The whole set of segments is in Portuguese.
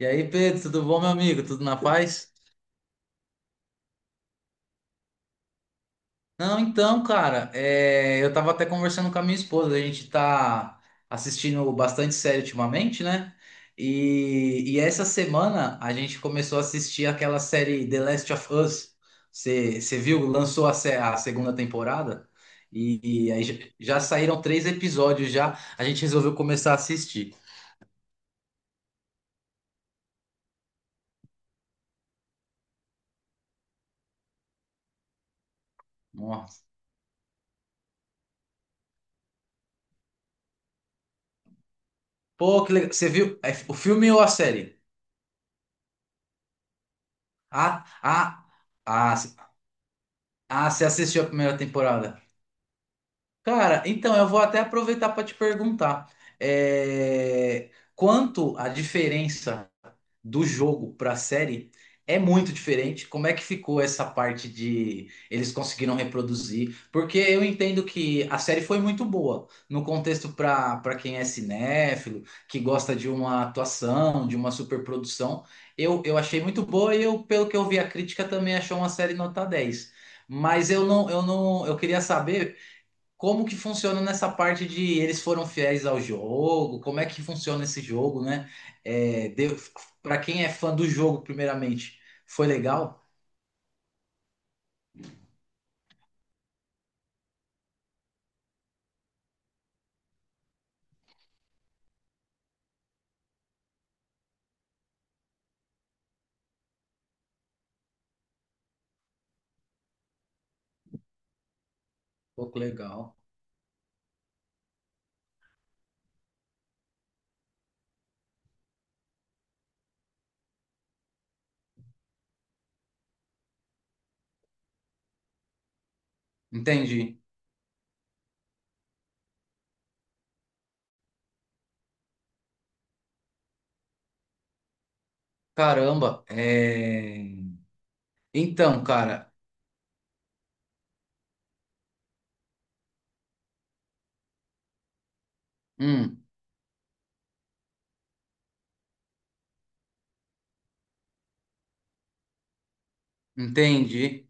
E aí, Pedro, tudo bom, meu amigo? Tudo na paz? Não, então, cara, eu tava até conversando com a minha esposa. A gente tá assistindo bastante série ultimamente, né? E essa semana a gente começou a assistir aquela série The Last of Us. Você viu? Lançou a, a segunda temporada e aí já saíram três episódios já. A gente resolveu começar a assistir. Nossa. Pô, que legal. Você viu o filme ou a série? Ah, ah, ah. Ah, você assistiu a primeira temporada? Cara, então eu vou até aproveitar para te perguntar, é, quanto a diferença do jogo para a série é muito diferente. Como é que ficou essa parte de eles conseguiram reproduzir? Porque eu entendo que a série foi muito boa no contexto para quem é cinéfilo, que gosta de uma atuação, de uma superprodução. Eu achei muito boa e eu, pelo que eu vi, a crítica também achou uma série nota 10. Mas eu não, eu não, eu queria saber como que funciona nessa parte de eles foram fiéis ao jogo, como é que funciona esse jogo, né? É, para quem é fã do jogo, primeiramente, foi legal? Pouco legal. Entendi. Caramba. Então, cara, hum, entendi.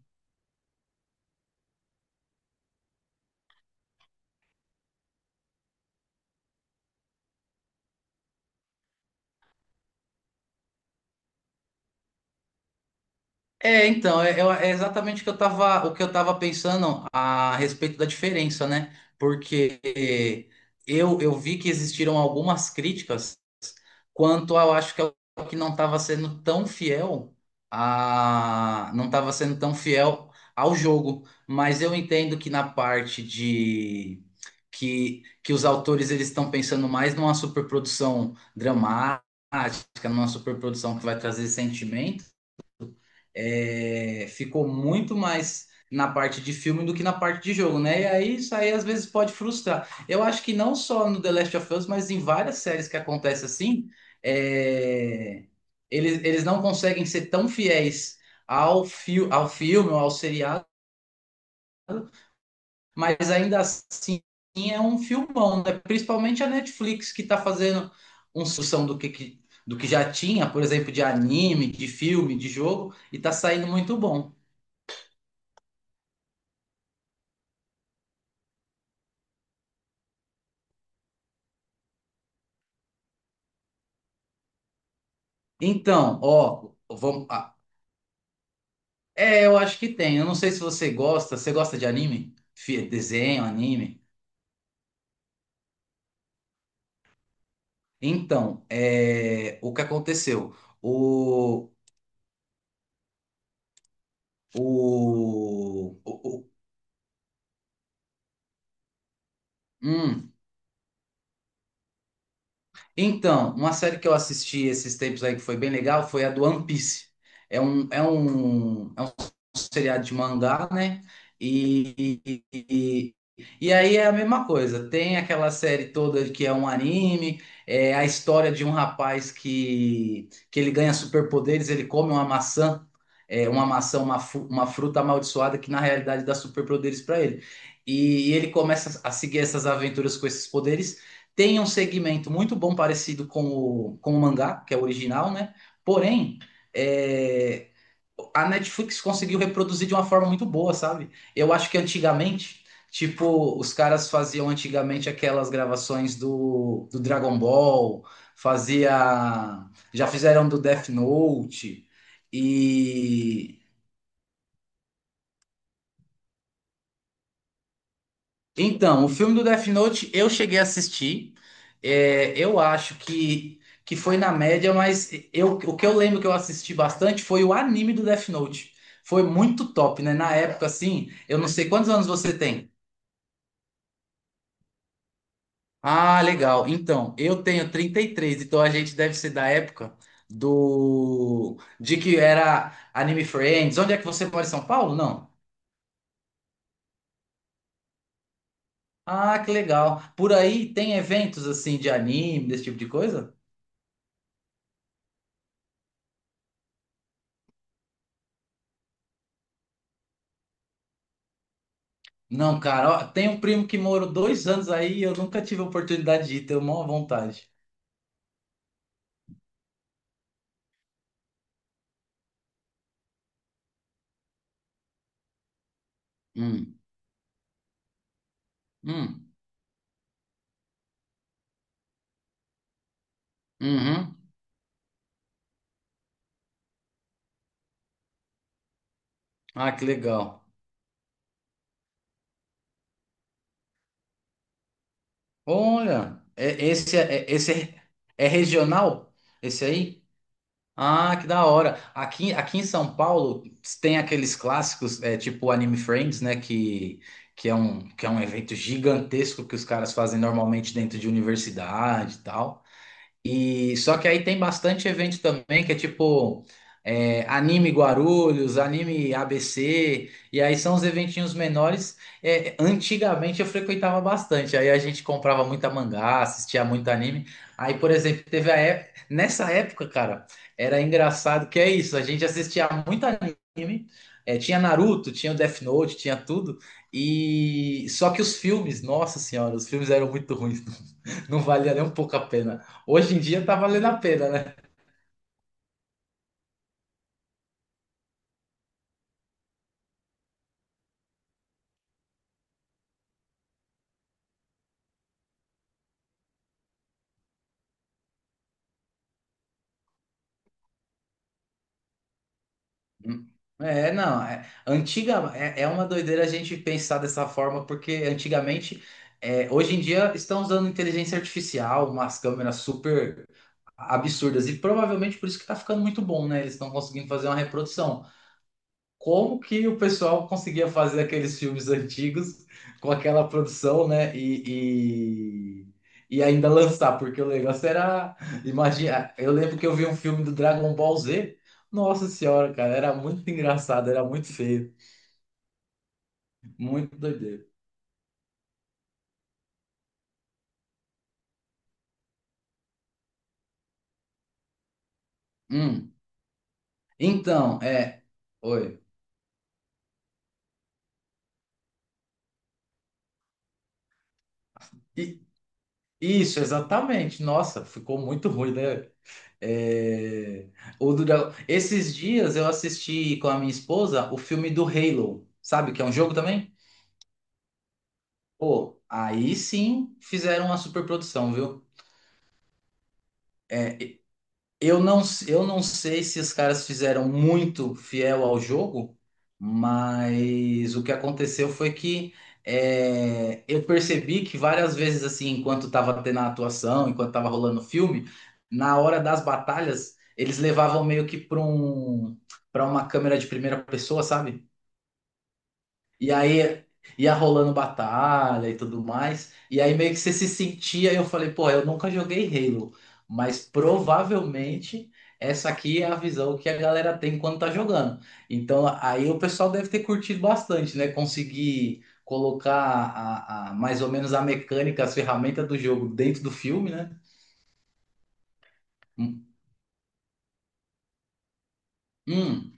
É, então, é exatamente o que eu tava pensando a respeito da diferença, né? Porque eu vi que existiram algumas críticas quanto eu acho que é o que não estava sendo tão fiel a não estava sendo tão fiel ao jogo. Mas eu entendo que na parte de que os autores eles estão pensando mais numa superprodução dramática, numa superprodução que vai trazer sentimento. Ficou muito mais na parte de filme do que na parte de jogo, né? E aí isso aí às vezes pode frustrar. Eu acho que não só no The Last of Us, mas em várias séries que acontece assim. é, eles não conseguem ser tão fiéis ao, fi ao filme ou ao seriado, mas ainda assim é um filmão, né? Principalmente a Netflix, que está fazendo uma sucção do que do que já tinha, por exemplo, de anime, de filme, de jogo, e está saindo muito bom. Então, ó, vamos. Eu acho que tem. Eu não sei se você gosta. Você gosta de anime? Desenho, anime? Então, o que aconteceu? O, o, o, o- hum, Então, uma série que eu assisti esses tempos aí que foi bem legal foi a do One Piece. É um seriado de mangá, né? E, e, e- e aí é a mesma coisa. Tem aquela série toda que é um anime, é a história de um rapaz que ele ganha superpoderes. Ele come uma maçã, é uma maçã, uma fruta amaldiçoada que na realidade dá superpoderes para ele. E ele começa a seguir essas aventuras com esses poderes. Tem um segmento muito bom parecido com o mangá, que é o original, né? Porém, é, a Netflix conseguiu reproduzir de uma forma muito boa, sabe? Eu acho que antigamente, tipo, os caras faziam antigamente aquelas gravações do, do Dragon Ball, fazia, já fizeram do Death Note e Então, o filme do Death Note eu cheguei a assistir. É, eu acho que foi na média, mas eu, o que eu lembro que eu assisti bastante foi o anime do Death Note. Foi muito top, né? Na época, assim, eu não sei quantos anos você tem. Ah, legal. Então, eu tenho 33. Então a gente deve ser da época do de que era Anime Friends. Onde é que você mora em São Paulo? Não. Ah, que legal. Por aí tem eventos assim de anime, desse tipo de coisa? Não, cara, ó, tem um primo que morou 2 anos aí e eu nunca tive a oportunidade de ir, tenho maior vontade. Hum, hum, uhum. Ah, que legal. Olha, esse é é regional? Esse aí? Ah, que da hora. Aqui, aqui em São Paulo tem aqueles clássicos, tipo o Anime Friends, né? Que é um evento gigantesco que os caras fazem normalmente dentro de universidade e tal. E só que aí tem bastante evento também que é tipo anime Guarulhos, anime ABC, e aí são os eventinhos menores. É, antigamente eu frequentava bastante, aí a gente comprava muita mangá, assistia muito anime. Aí, por exemplo, teve a época, nessa época, cara, era engraçado que é isso, a gente assistia muito anime. Tinha Naruto, tinha Death Note, tinha tudo. E só que os filmes, nossa senhora, os filmes eram muito ruins. Não valia nem um pouco a pena. Hoje em dia tá valendo a pena, né? É, não. É, é uma doideira a gente pensar dessa forma, porque antigamente, hoje em dia, estão usando inteligência artificial, umas câmeras super absurdas, e provavelmente por isso que tá ficando muito bom, né? Eles estão conseguindo fazer uma reprodução. Como que o pessoal conseguia fazer aqueles filmes antigos com aquela produção, né? E ainda lançar, porque o negócio era. Imagina, eu lembro que eu vi um filme do Dragon Ball Z. Nossa senhora, cara, era muito engraçado, era muito feio, muito doideiro. Hum, Então, é. Oi. E- Isso, exatamente. Nossa, ficou muito ruim, né? É, o do Esses dias eu assisti com a minha esposa o filme do Halo, sabe? Que é um jogo também? Pô, aí sim fizeram uma superprodução, viu? É, Eu não, eu não sei se os caras fizeram muito fiel ao jogo, mas o que aconteceu foi que eu percebi que várias vezes, assim, enquanto estava tendo a atuação, enquanto estava rolando o filme, na hora das batalhas, eles levavam meio que para para uma câmera de primeira pessoa, sabe? E aí ia rolando batalha e tudo mais. E aí meio que você se sentia, eu falei, pô, eu nunca joguei Halo, mas provavelmente essa aqui é a visão que a galera tem quando tá jogando. Então aí o pessoal deve ter curtido bastante, né? Conseguir colocar mais ou menos a mecânica, as ferramentas do jogo dentro do filme, né? Hum, hum.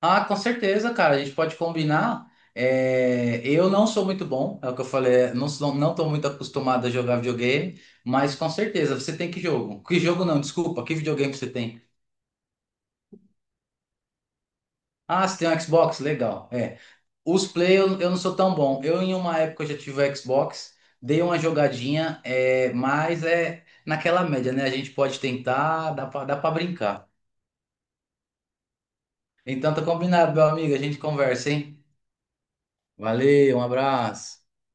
Ah, com certeza, cara. A gente pode combinar. É, eu não sou muito bom, é o que eu falei. Não sou, não tô muito acostumado a jogar videogame, mas com certeza você tem que jogo. Que jogo não? Desculpa. Que videogame você tem? Ah, você tem um Xbox? Legal. É. Os play eu não sou tão bom. Eu em uma época eu já tive o Xbox, dei uma jogadinha, é, mas é naquela média, né? A gente pode tentar, dá pra brincar. Então tá combinado, meu amigo. A gente conversa, hein? Valeu, um abraço.